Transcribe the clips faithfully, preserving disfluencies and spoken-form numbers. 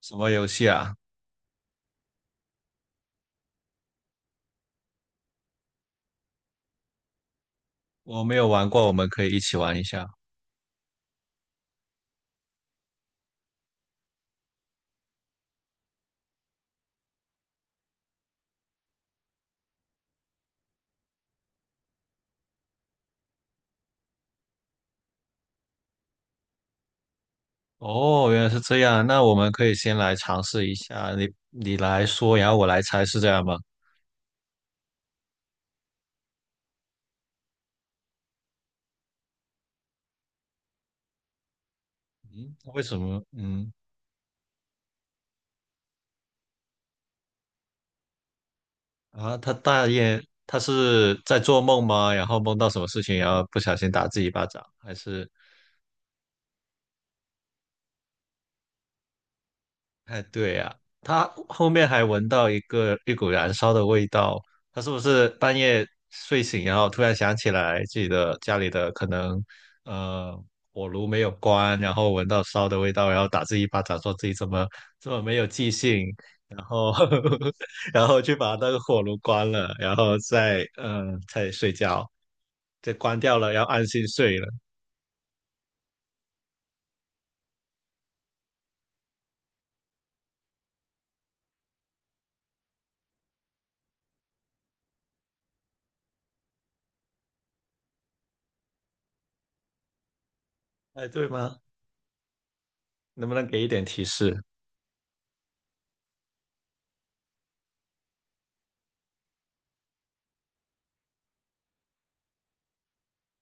什么游戏啊？我没有玩过，我们可以一起玩一下。哦，原来是这样，那我们可以先来尝试一下，你你来说，然后我来猜，是这样吗？嗯，为什么？嗯，啊，他大爷，他是在做梦吗？然后梦到什么事情，然后不小心打自己一巴掌，还是哎，对呀、他后面还闻到一个一股燃烧的味道，他是不是半夜睡醒，然后突然想起来自己的家里的可能呃火炉没有关，然后闻到烧的味道，然后打自己一巴掌，说自己怎么这么没有记性，然后 然后去把那个火炉关了，然后再嗯、呃、再睡觉，再关掉了，要安心睡了。哎，对吗？能不能给一点提示？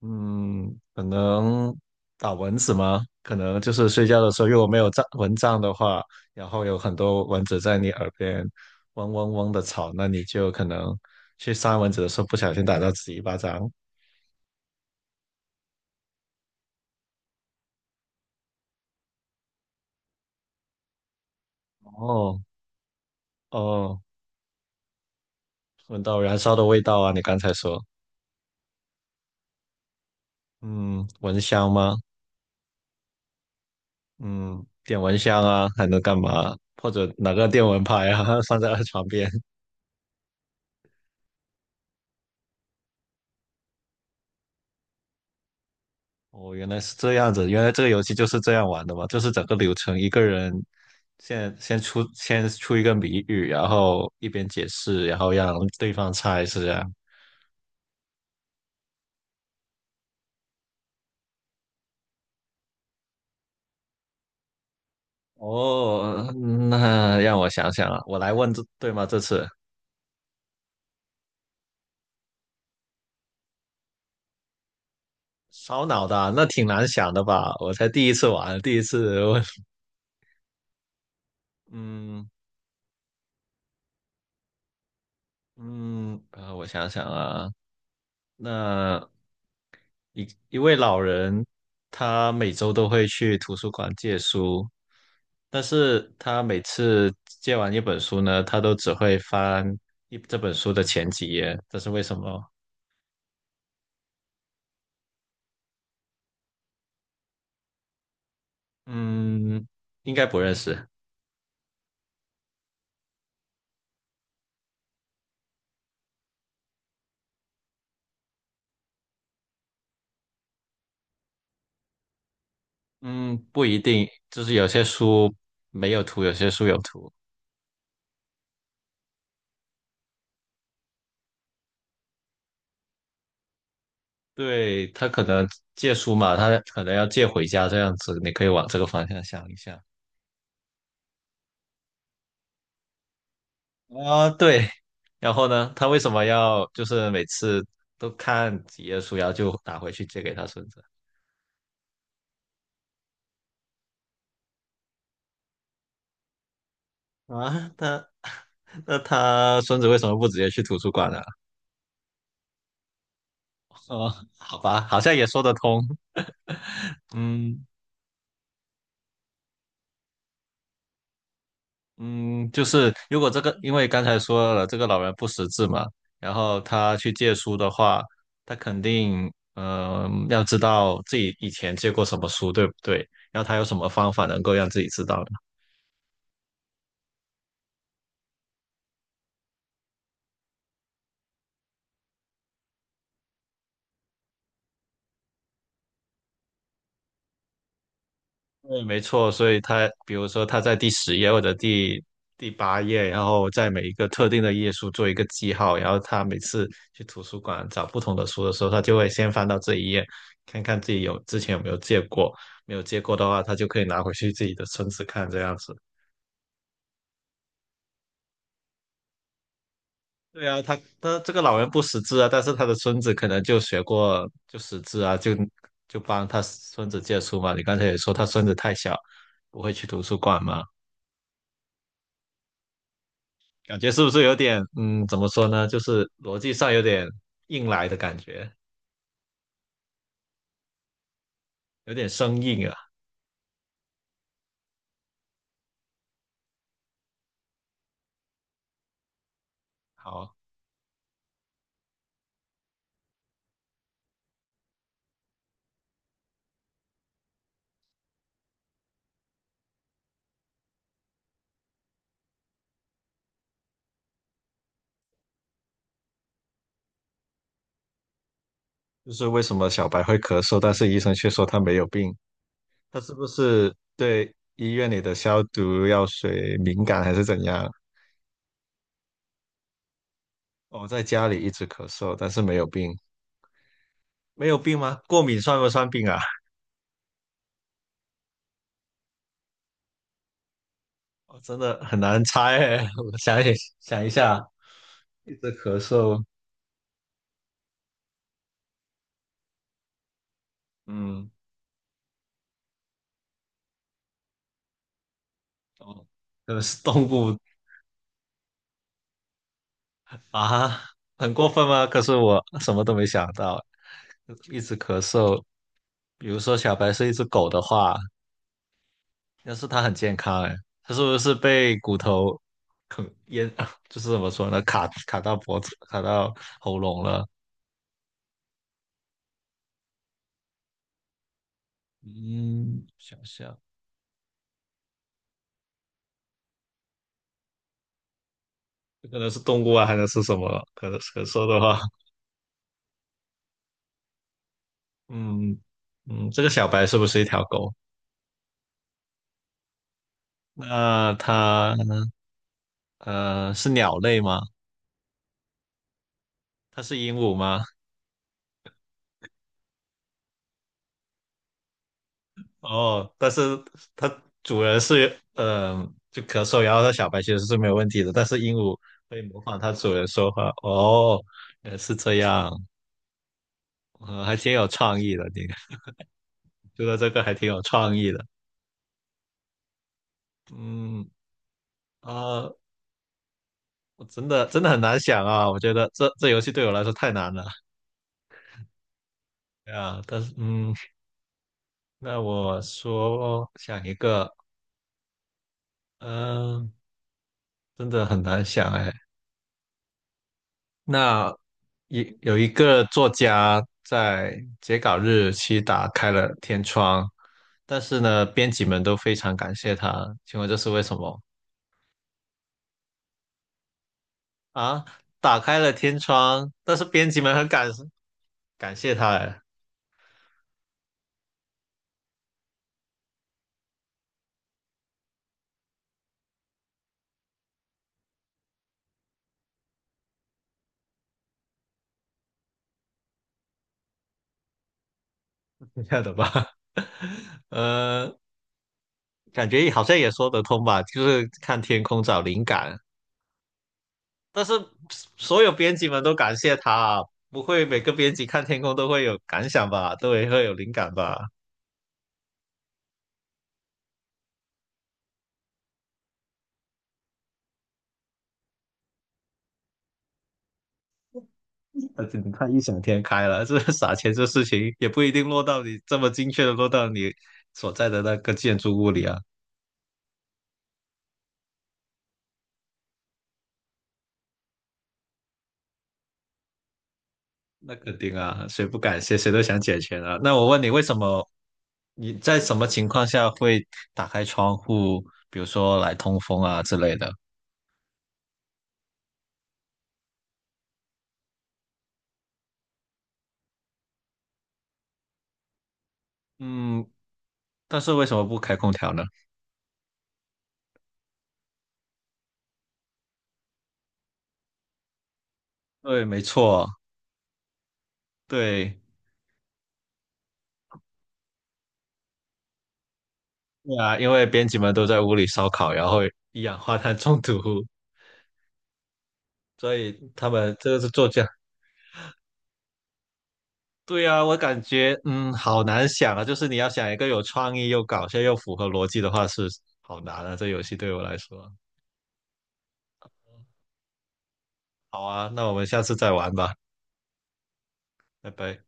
嗯，可能打蚊子吗？可能就是睡觉的时候，如果没有帐蚊帐的话，然后有很多蚊子在你耳边嗡嗡嗡的吵，那你就可能去扇蚊子的时候不小心打到自己一巴掌。哦哦，闻到燃烧的味道啊！你刚才说，嗯，蚊香吗？嗯，点蚊香啊，还能干嘛？或者拿个电蚊拍啊，放在床边。哦，原来是这样子，原来这个游戏就是这样玩的嘛，就是整个流程一个人先先出先出一个谜语，然后一边解释，然后让对方猜，是这样。哦，那让我想想啊，我来问这对吗？这次烧脑的啊那挺难想的吧？我才第一次玩，第一次问，嗯嗯，呃，我想想啊，那一一位老人，他每周都会去图书馆借书，但是他每次借完一本书呢，他都只会翻一这本书的前几页，这是为什么？嗯，应该不认识。嗯，不一定，就是有些书没有图，有些书有图。对，他可能借书嘛，他可能要借回家这样子，你可以往这个方向想一下。啊，对，然后呢，他为什么要就是每次都看几页书，然后就打回去借给他孙子啊？他 那他孙子为什么不直接去图书馆呢？哦，好吧，好像也说得通。嗯嗯，就是如果这个，因为刚才说了这个老人不识字嘛，然后他去借书的话，他肯定嗯、呃要知道自己以前借过什么书，对不对？然后他有什么方法能够让自己知道呢？对，没错，所以他比如说他在第十页或者第第八页，然后在每一个特定的页数做一个记号，然后他每次去图书馆找不同的书的时候，他就会先翻到这一页，看看自己有之前有没有借过，没有借过的话，他就可以拿回去自己的孙子看这样子。对啊，他他这个老人不识字啊，但是他的孙子可能就学过就识字啊，就就帮他孙子借书嘛。你刚才也说他孙子太小，不会去图书馆嘛。感觉是不是有点，嗯，怎么说呢？就是逻辑上有点硬来的感觉，有点生硬啊。好，就是为什么小白会咳嗽，但是医生却说他没有病？他是不是对医院里的消毒药水敏感，还是怎样？哦，在家里一直咳嗽，但是没有病，没有病吗？过敏算不算病啊？哦，真的很难猜诶。我想一想一下，一直咳嗽，嗯，哦，可能是动物啊，很过分吗？可是我什么都没想到，一直咳嗽。比如说小白是一只狗的话，要是它很健康，哎，它是不是被骨头啃淹，就是怎么说呢，卡卡到脖子，卡到喉咙了？嗯，想想，这可能是动物啊，还能是什么？可能可说的话，嗯嗯，这个小白是不是一条狗？那它呃是鸟类吗？它是鹦鹉吗？哦，但是它主人是嗯，呃就咳嗽，然后它小白其实是没有问题的，但是鹦鹉会模仿它主人说话。哦，原来是这样，呃，还挺有创意的，你 觉得这个还挺有创意的。嗯啊，我真的真的很难想啊，我觉得这这游戏对我来说太难了。对啊，但是嗯，那我说想一个，嗯，真的很难想哎。那一有一个作家在截稿日期打开了天窗，但是呢，编辑们都非常感谢他。请问这是为什么啊？打开了天窗，但是编辑们很感感谢他，哎，是这样的吧？呃，感觉好像也说得通吧，就是看天空找灵感。但是所有编辑们都感谢他啊，不会每个编辑看天空都会有感想吧，都会会有灵感吧？而且你太异想天开了，这撒钱这事情也不一定落到你这么精确的落到你所在的那个建筑物里啊，那肯定啊，谁不感谢谁都想捡钱啊。那我问你，为什么你在什么情况下会打开窗户，比如说来通风啊之类的？嗯，但是为什么不开空调呢？对，没错，对，对啊，因为编辑们都在屋里烧烤，然后一氧化碳中毒，所以他们这个是作家。对啊，我感觉嗯，好难想啊。就是你要想一个有创意、又搞笑、又符合逻辑的话，是好难啊。这游戏对我来说，好啊，那我们下次再玩吧，拜拜。